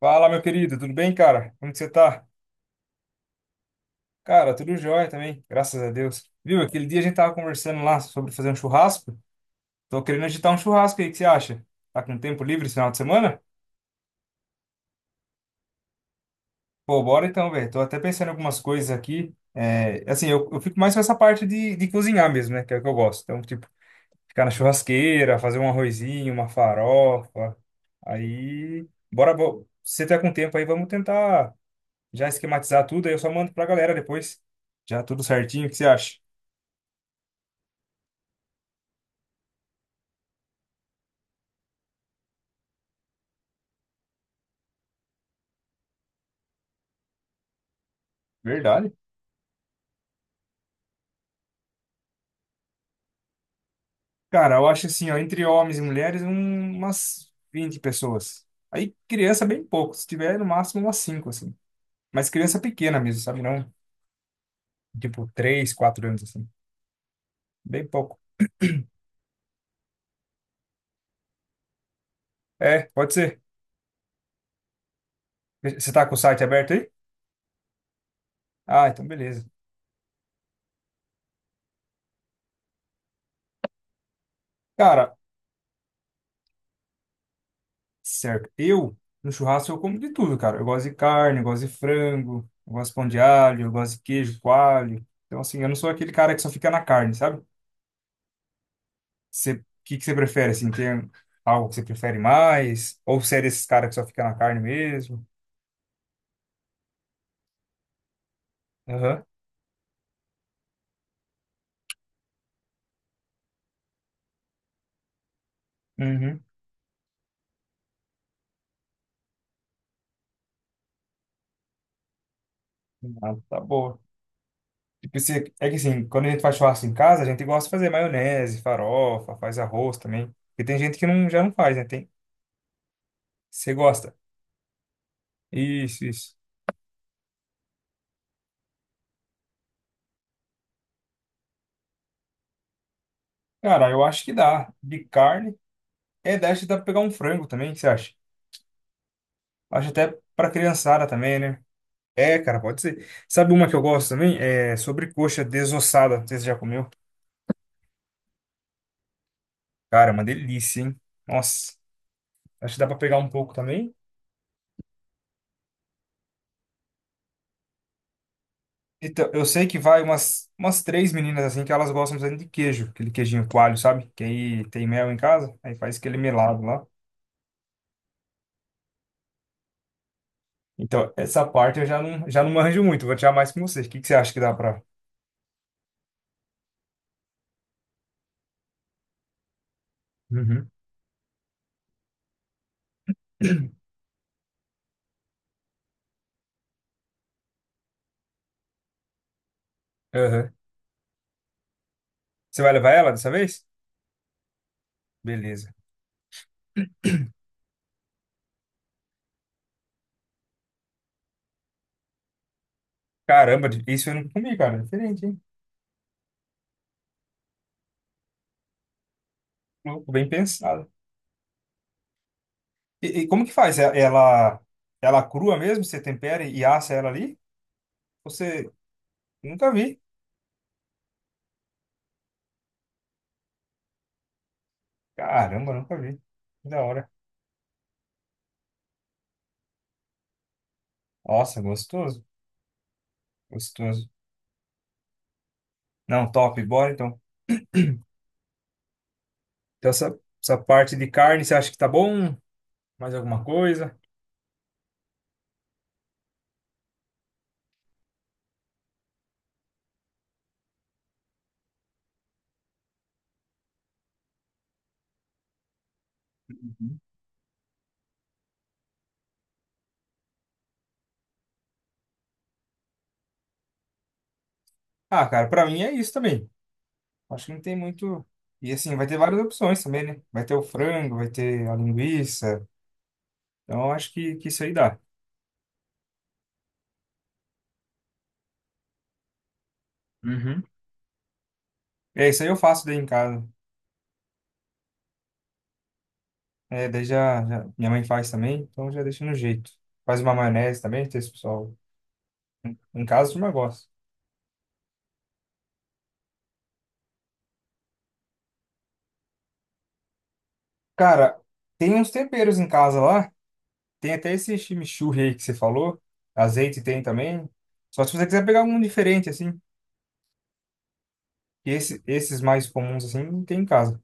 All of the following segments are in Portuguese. Fala, meu querido, tudo bem, cara? Como que você tá? Cara, tudo jóia também, graças a Deus. Viu, aquele dia a gente tava conversando lá sobre fazer um churrasco. Tô querendo agitar um churrasco aí, o que você acha? Tá com tempo livre esse final de semana? Pô, bora então, velho. Tô até pensando em algumas coisas aqui. É, assim, eu fico mais com essa parte de cozinhar mesmo, né? Que é o que eu gosto. Então, tipo, ficar na churrasqueira, fazer um arrozinho, uma farofa. Aí, bora, se você tá com tempo aí, vamos tentar já esquematizar tudo, aí eu só mando pra galera depois. Já tudo certinho, o que você acha? Verdade. Cara, eu acho assim, ó, entre homens e mulheres, umas 20 pessoas. Aí criança bem pouco, se tiver no máximo umas 5 assim. Mas criança pequena mesmo, sabe? Não, tipo 3, 4 anos, assim. Bem pouco. É, pode ser. Você tá com o site aberto aí? Ah, então beleza. Cara. Certo. Eu, no churrasco, eu como de tudo, cara. Eu gosto de carne, eu gosto de frango, eu gosto de pão de alho, eu gosto de queijo, coalho. Então, assim, eu não sou aquele cara que só fica na carne, sabe? Você, o que que você prefere, assim? Tem algo que você prefere mais? Ou você é desses caras que só fica na carne mesmo? Aham. Uhum. Ah, tá boa. Tipo, você, é que assim, quando a gente faz churrasco em casa, a gente gosta de fazer maionese, farofa, faz arroz também. Porque tem gente que não, já não faz, né? Tem, você gosta. Isso, isso. Cara, eu acho que dá. De carne. É, daí acho que dá pra pegar um frango também, o que você acha? Acho até pra criançada também, né? É, cara, pode ser. Sabe uma que eu gosto também? É sobrecoxa desossada. Não sei se você já comeu. Cara, é uma delícia, hein? Nossa, acho que dá pra pegar um pouco também. Então, eu sei que vai umas três meninas assim que elas gostam bastante de queijo, aquele queijinho coalho, sabe? Que aí tem mel em casa, aí faz aquele melado lá. Então, essa parte eu já não manjo muito, vou tirar mais com você. O que que você acha que dá pra. Uhum. Aham. Você vai levar ela dessa vez? Beleza. Caramba, isso eu não comi, cara. Diferente, hein? Louco, bem pensado. E como que faz? Ela crua mesmo? Você tempera e assa ela ali? Você nunca vi. Caramba, nunca vi. Que da hora. Nossa, gostoso. Gostoso. Não, top. Bora então. Então, essa parte de carne, você acha que tá bom? Mais alguma coisa? Uhum. Ah, cara, pra mim é isso também. Acho que não tem muito. E assim, vai ter várias opções também, né? Vai ter o frango, vai ter a linguiça. Então, acho que isso aí dá. É, isso aí eu faço daí em casa. É, daí minha mãe faz também, então já deixa no jeito. Faz uma maionese também, tem esse pessoal. Em casa, a turma gosta. Cara, tem uns temperos em casa lá. Tem até esse chimichurri aí que você falou. Azeite tem também. Só se você quiser pegar algum diferente, assim. Que Esses mais comuns, assim, não tem em casa.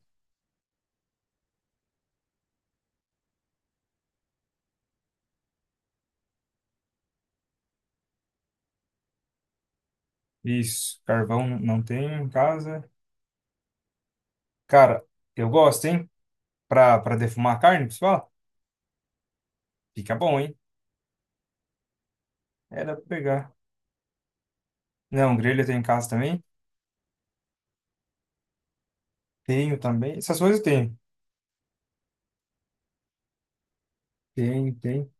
Isso, carvão não tem em casa. Cara, eu gosto, hein? Pra defumar a carne, pessoal. Fica bom, hein? É, dá pra pegar. Não, grelha tem em casa também. Tenho também. Essas coisas eu tenho. Tem, tem.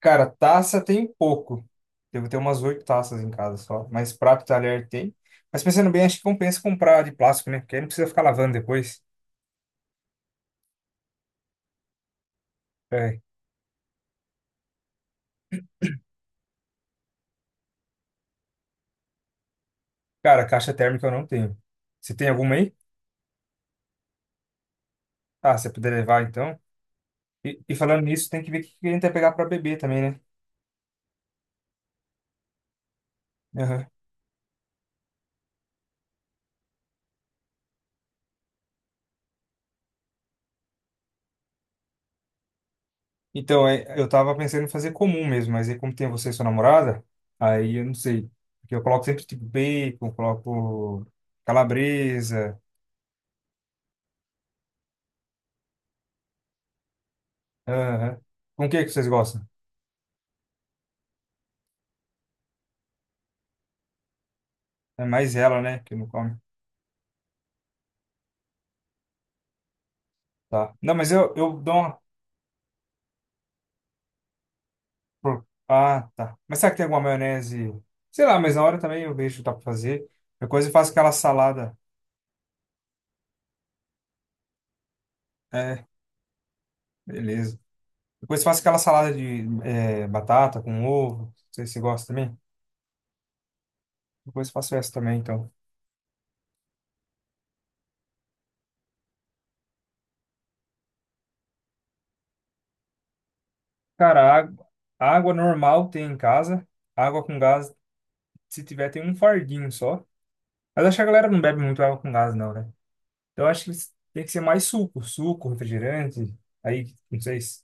Cara, taça tem pouco. Devo ter umas oito taças em casa só. Mas prato e talher tem. Mas pensando bem, acho que compensa comprar de plástico, né? Porque aí não precisa ficar lavando depois. É. Cara, caixa térmica eu não tenho. Você tem alguma aí? Ah, se você puder levar então. E falando nisso, tem que ver o que a gente vai pegar para beber também, né? Aham. Então, é, eu tava pensando em fazer comum mesmo, mas aí como tem você e sua namorada, aí eu não sei. Porque eu coloco sempre tipo bacon, coloco calabresa. Aham. Com o que que vocês gostam? É mais ela, né, que não come. Tá. Não, mas eu dou uma. Ah, tá. Mas será que tem alguma maionese? Sei lá, mas na hora também eu vejo o que dá pra fazer. Depois eu faço aquela salada. É, beleza. Depois eu faço aquela salada de batata com ovo. Não sei se você gosta também. Depois eu faço essa também, então. Cara, água normal tem em casa. Água com gás, se tiver, tem um fardinho só. Mas acho que a galera não bebe muito água com gás, não, né? Então, eu acho que tem que ser mais suco, refrigerante. Aí, não sei se.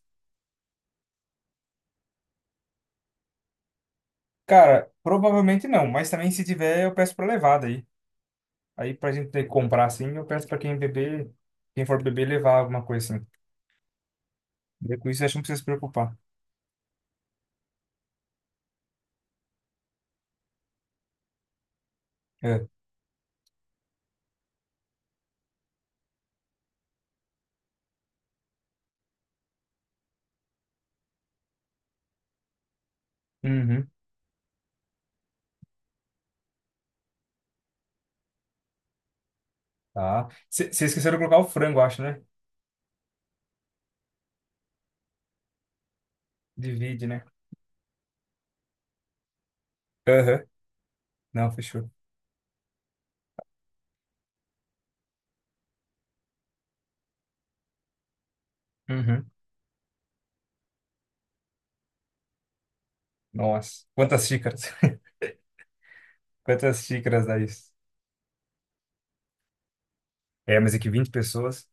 Cara, provavelmente não, mas também se tiver, eu peço pra levar daí. Aí, pra gente ter que comprar assim, eu peço pra quem beber, quem for beber, levar alguma coisa assim. Daí, com isso, eu acho que não precisa se preocupar. É. Uhum. Tá. Vocês esqueceram de colocar o frango, acho, né? Divide, né? Aham. Não, fechou. Uhum. Nossa. Quantas xícaras? Quantas xícaras dá isso? É, mas é que 20 pessoas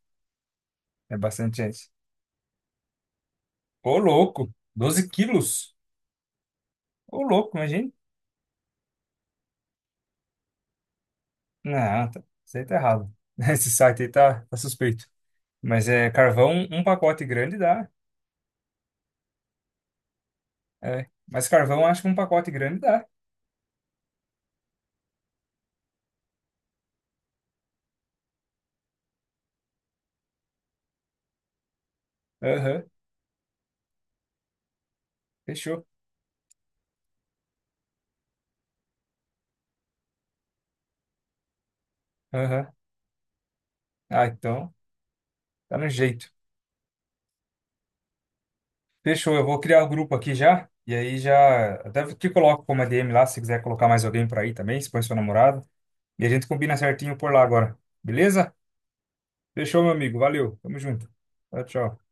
é bastante gente. Ô, louco! Doze quilos? Ô, louco, imagina. Não, tá, isso aí tá errado. Esse site aí tá suspeito. Mas é carvão, um pacote grande dá. É. Mas carvão, acho que um pacote grande dá. Aham, fechou. Aham. Ah, então, tá no jeito. Fechou, eu vou criar o grupo aqui já. E aí já. Até te coloco como a ADM lá, se quiser colocar mais alguém pra ir também, se põe seu namorado. E a gente combina certinho por lá agora. Beleza? Fechou, meu amigo. Valeu. Tamo junto. Tchau, tchau.